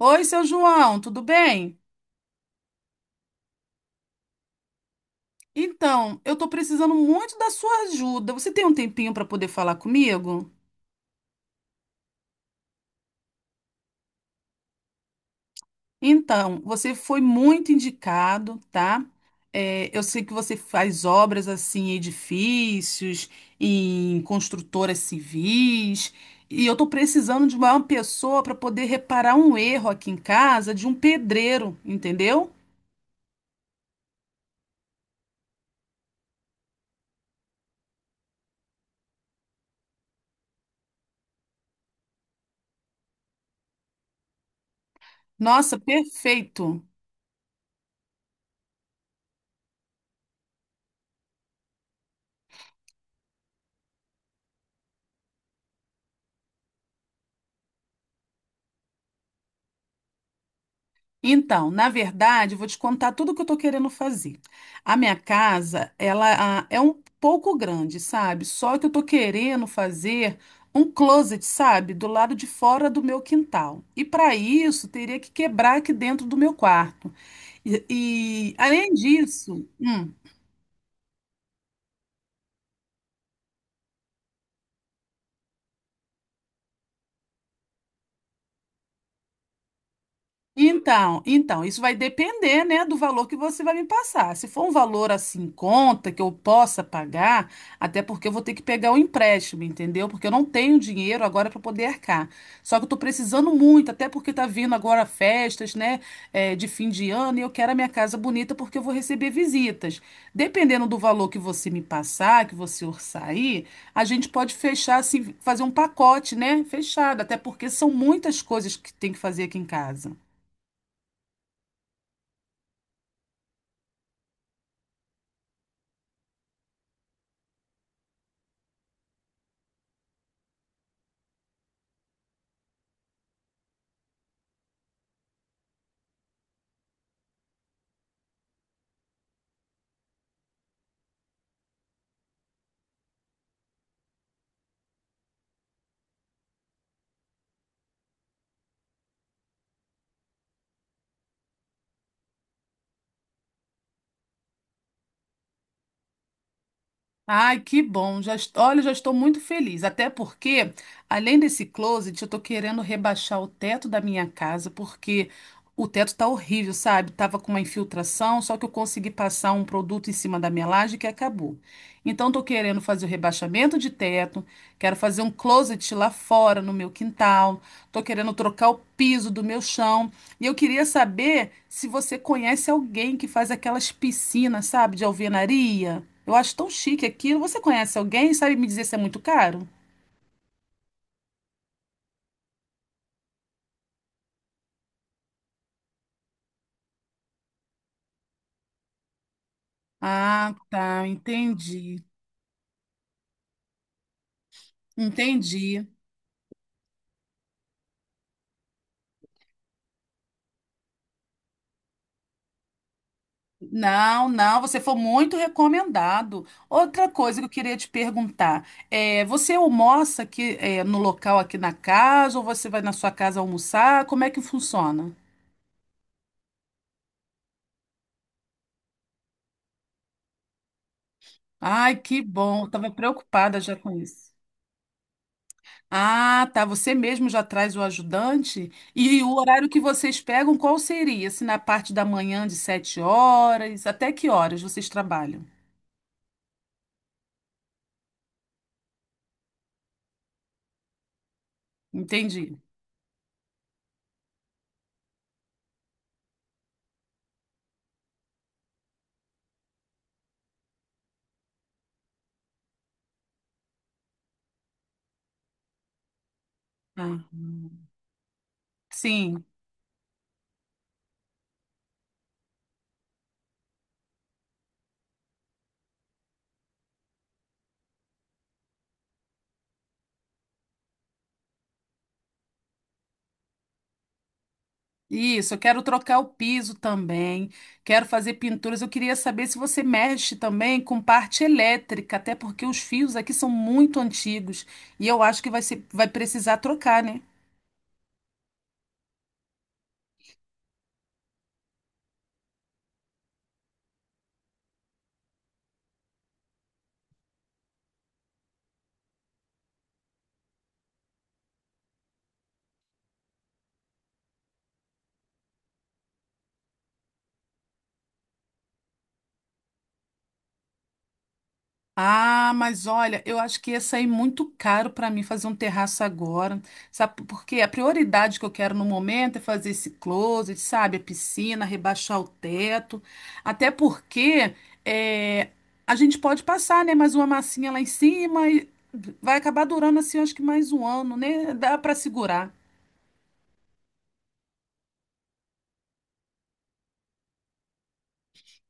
Oi, seu João, tudo bem? Então, eu tô precisando muito da sua ajuda. Você tem um tempinho para poder falar comigo? Então, você foi muito indicado, tá? É, eu sei que você faz obras assim em edifícios, em construtoras civis, e eu tô precisando de uma pessoa para poder reparar um erro aqui em casa de um pedreiro, entendeu? Nossa, perfeito. Então, na verdade, eu vou te contar tudo o que eu tô querendo fazer. A minha casa, ela é um pouco grande, sabe? Só que eu tô querendo fazer um closet, sabe? Do lado de fora do meu quintal. E para isso, teria que quebrar aqui dentro do meu quarto. E, e, além disso. Então, então, isso vai depender, né, do valor que você vai me passar. Se for um valor assim em conta que eu possa pagar, até porque eu vou ter que pegar o empréstimo, entendeu? Porque eu não tenho dinheiro agora para poder arcar. Só que eu tô precisando muito, até porque tá vindo agora festas, né, é, de fim de ano e eu quero a minha casa bonita porque eu vou receber visitas. Dependendo do valor que você me passar, que você orçar aí, a gente pode fechar assim, fazer um pacote, né, fechado, até porque são muitas coisas que tem que fazer aqui em casa. Ai, que bom. Já, olha, já estou muito feliz. Até porque, além desse closet, eu tô querendo rebaixar o teto da minha casa, porque o teto tá horrível, sabe? Tava com uma infiltração, só que eu consegui passar um produto em cima da minha laje que acabou. Então, tô querendo fazer o rebaixamento de teto, quero fazer um closet lá fora, no meu quintal, tô querendo trocar o piso do meu chão. E eu queria saber se você conhece alguém que faz aquelas piscinas, sabe, de alvenaria. Eu acho tão chique aquilo. Você conhece alguém? Sabe me dizer se é muito caro? Ah, tá, entendi. Entendi. Não, não, você foi muito recomendado. Outra coisa que eu queria te perguntar, é, você almoça aqui, é, no local aqui na casa ou você vai na sua casa almoçar? Como é que funciona? Ai, que bom, eu tava preocupada já com isso. Ah, tá. Você mesmo já traz o ajudante? E o horário que vocês pegam, qual seria? Se na parte da manhã de 7 horas, até que horas vocês trabalham? Entendi. Ah, sim. Isso, eu quero trocar o piso também, quero fazer pinturas. Eu queria saber se você mexe também com parte elétrica, até porque os fios aqui são muito antigos e eu acho que vai ser, vai precisar trocar, né? Ah, mas olha, eu acho que ia sair muito caro para mim fazer um terraço agora, sabe? Porque a prioridade que eu quero no momento é fazer esse closet, sabe? A piscina, rebaixar o teto. Até porque é, a gente pode passar, né? Mais uma massinha lá em cima e vai acabar durando assim, eu acho que mais um ano, né? Dá para segurar.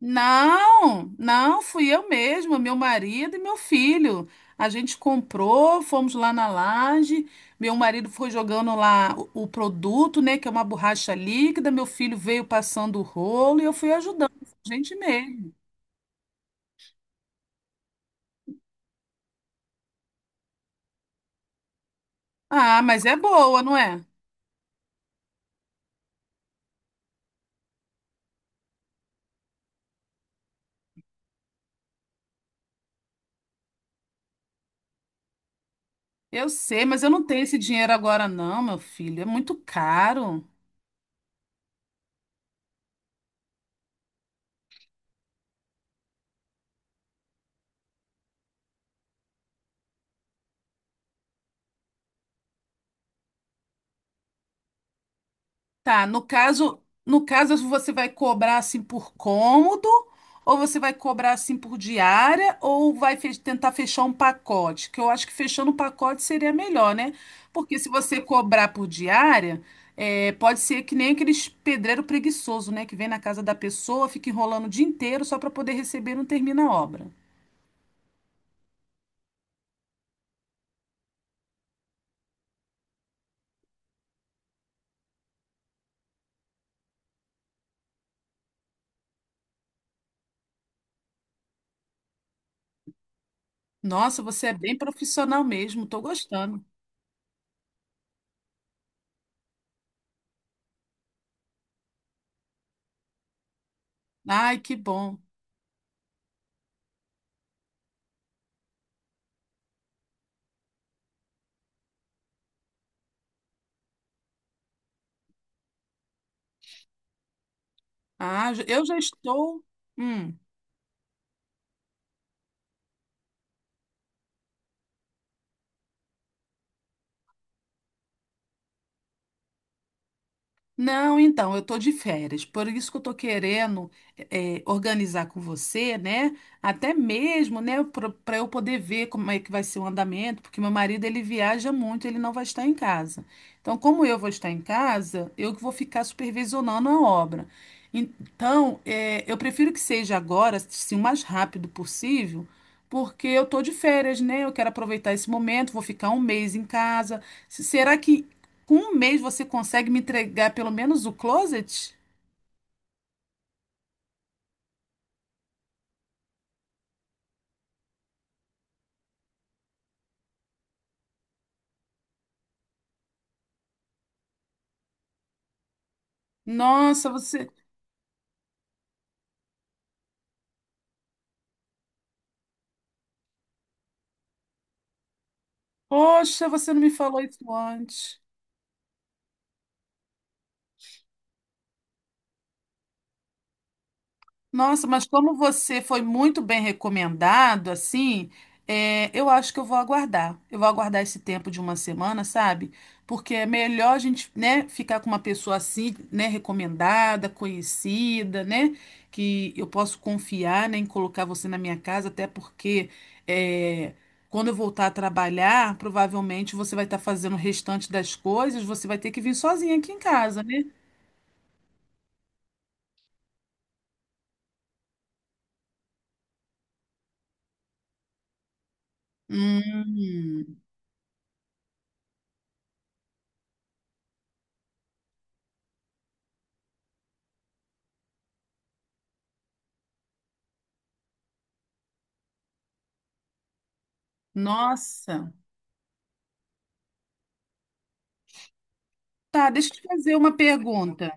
Não, não, fui eu mesma, meu marido e meu filho. A gente comprou, fomos lá na laje. Meu marido foi jogando lá o produto, né, que é uma borracha líquida. Meu filho veio passando o rolo e eu fui ajudando, a gente mesmo. Ah, mas é boa, não é? Eu sei, mas eu não tenho esse dinheiro agora, não, meu filho. É muito caro. Tá, no caso, no caso você vai cobrar assim por cômodo, ou você vai cobrar assim por diária, ou vai tentar fechar um pacote, que eu acho que fechando um pacote seria melhor, né? Porque se você cobrar por diária, é, pode ser que nem aqueles pedreiro preguiçoso, né, que vem na casa da pessoa, fica enrolando o dia inteiro só para poder receber e não termina a obra. Nossa, você é bem profissional mesmo, tô gostando. Ai, que bom. Ah, eu já estou. Hum. Não, então, eu tô de férias, por isso que eu tô querendo organizar com você, né? Até mesmo, né, para eu poder ver como é que vai ser o andamento, porque meu marido ele viaja muito, ele não vai estar em casa. Então, como eu vou estar em casa, eu que vou ficar supervisionando a obra. Então, eu prefiro que seja agora, assim, o mais rápido possível. Porque eu tô de férias, né? Eu quero aproveitar esse momento, vou ficar um mês em casa. Será que com um mês você consegue me entregar pelo menos o closet? Nossa, você. Poxa, você não me falou isso antes. Nossa, mas como você foi muito bem recomendado, assim, é, eu acho que eu vou aguardar. Eu vou aguardar esse tempo de uma semana, sabe? Porque é melhor a gente, né, ficar com uma pessoa assim, né, recomendada, conhecida, né, que eu posso confiar, né, em colocar você na minha casa, até porque é, quando eu voltar a trabalhar, provavelmente você vai estar fazendo o restante das coisas, você vai ter que vir sozinha aqui em casa, né? Hum, nossa. Tá, deixa eu te fazer uma pergunta.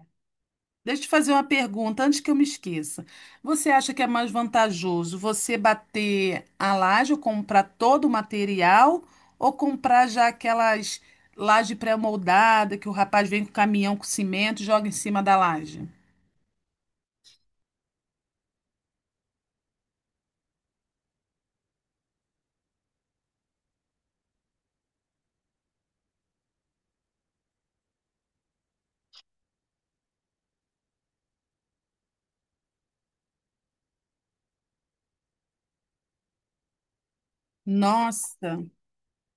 Deixa eu te fazer uma pergunta antes que eu me esqueça. Você acha que é mais vantajoso você bater a laje ou comprar todo o material ou comprar já aquelas laje pré-moldada que o rapaz vem com o caminhão com cimento e joga em cima da laje? Nossa,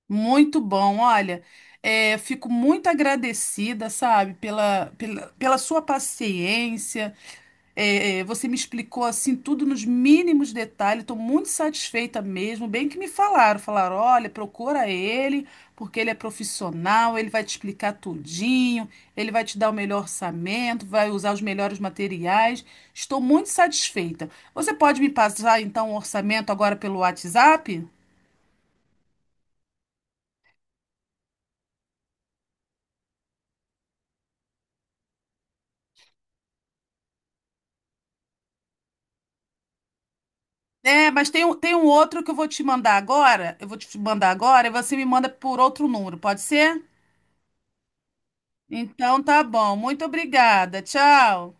muito bom. Olha, é, fico muito agradecida, sabe, pela sua paciência. É, você me explicou assim tudo nos mínimos detalhes, estou muito satisfeita mesmo. Bem que me falaram, olha, procura ele, porque ele é profissional, ele vai te explicar tudinho, ele vai te dar o melhor orçamento, vai usar os melhores materiais. Estou muito satisfeita. Você pode me passar então o orçamento agora pelo WhatsApp? É, mas tem um outro que eu vou te mandar agora. Eu vou te mandar agora e você me manda por outro número, pode ser? Então tá bom. Muito obrigada. Tchau.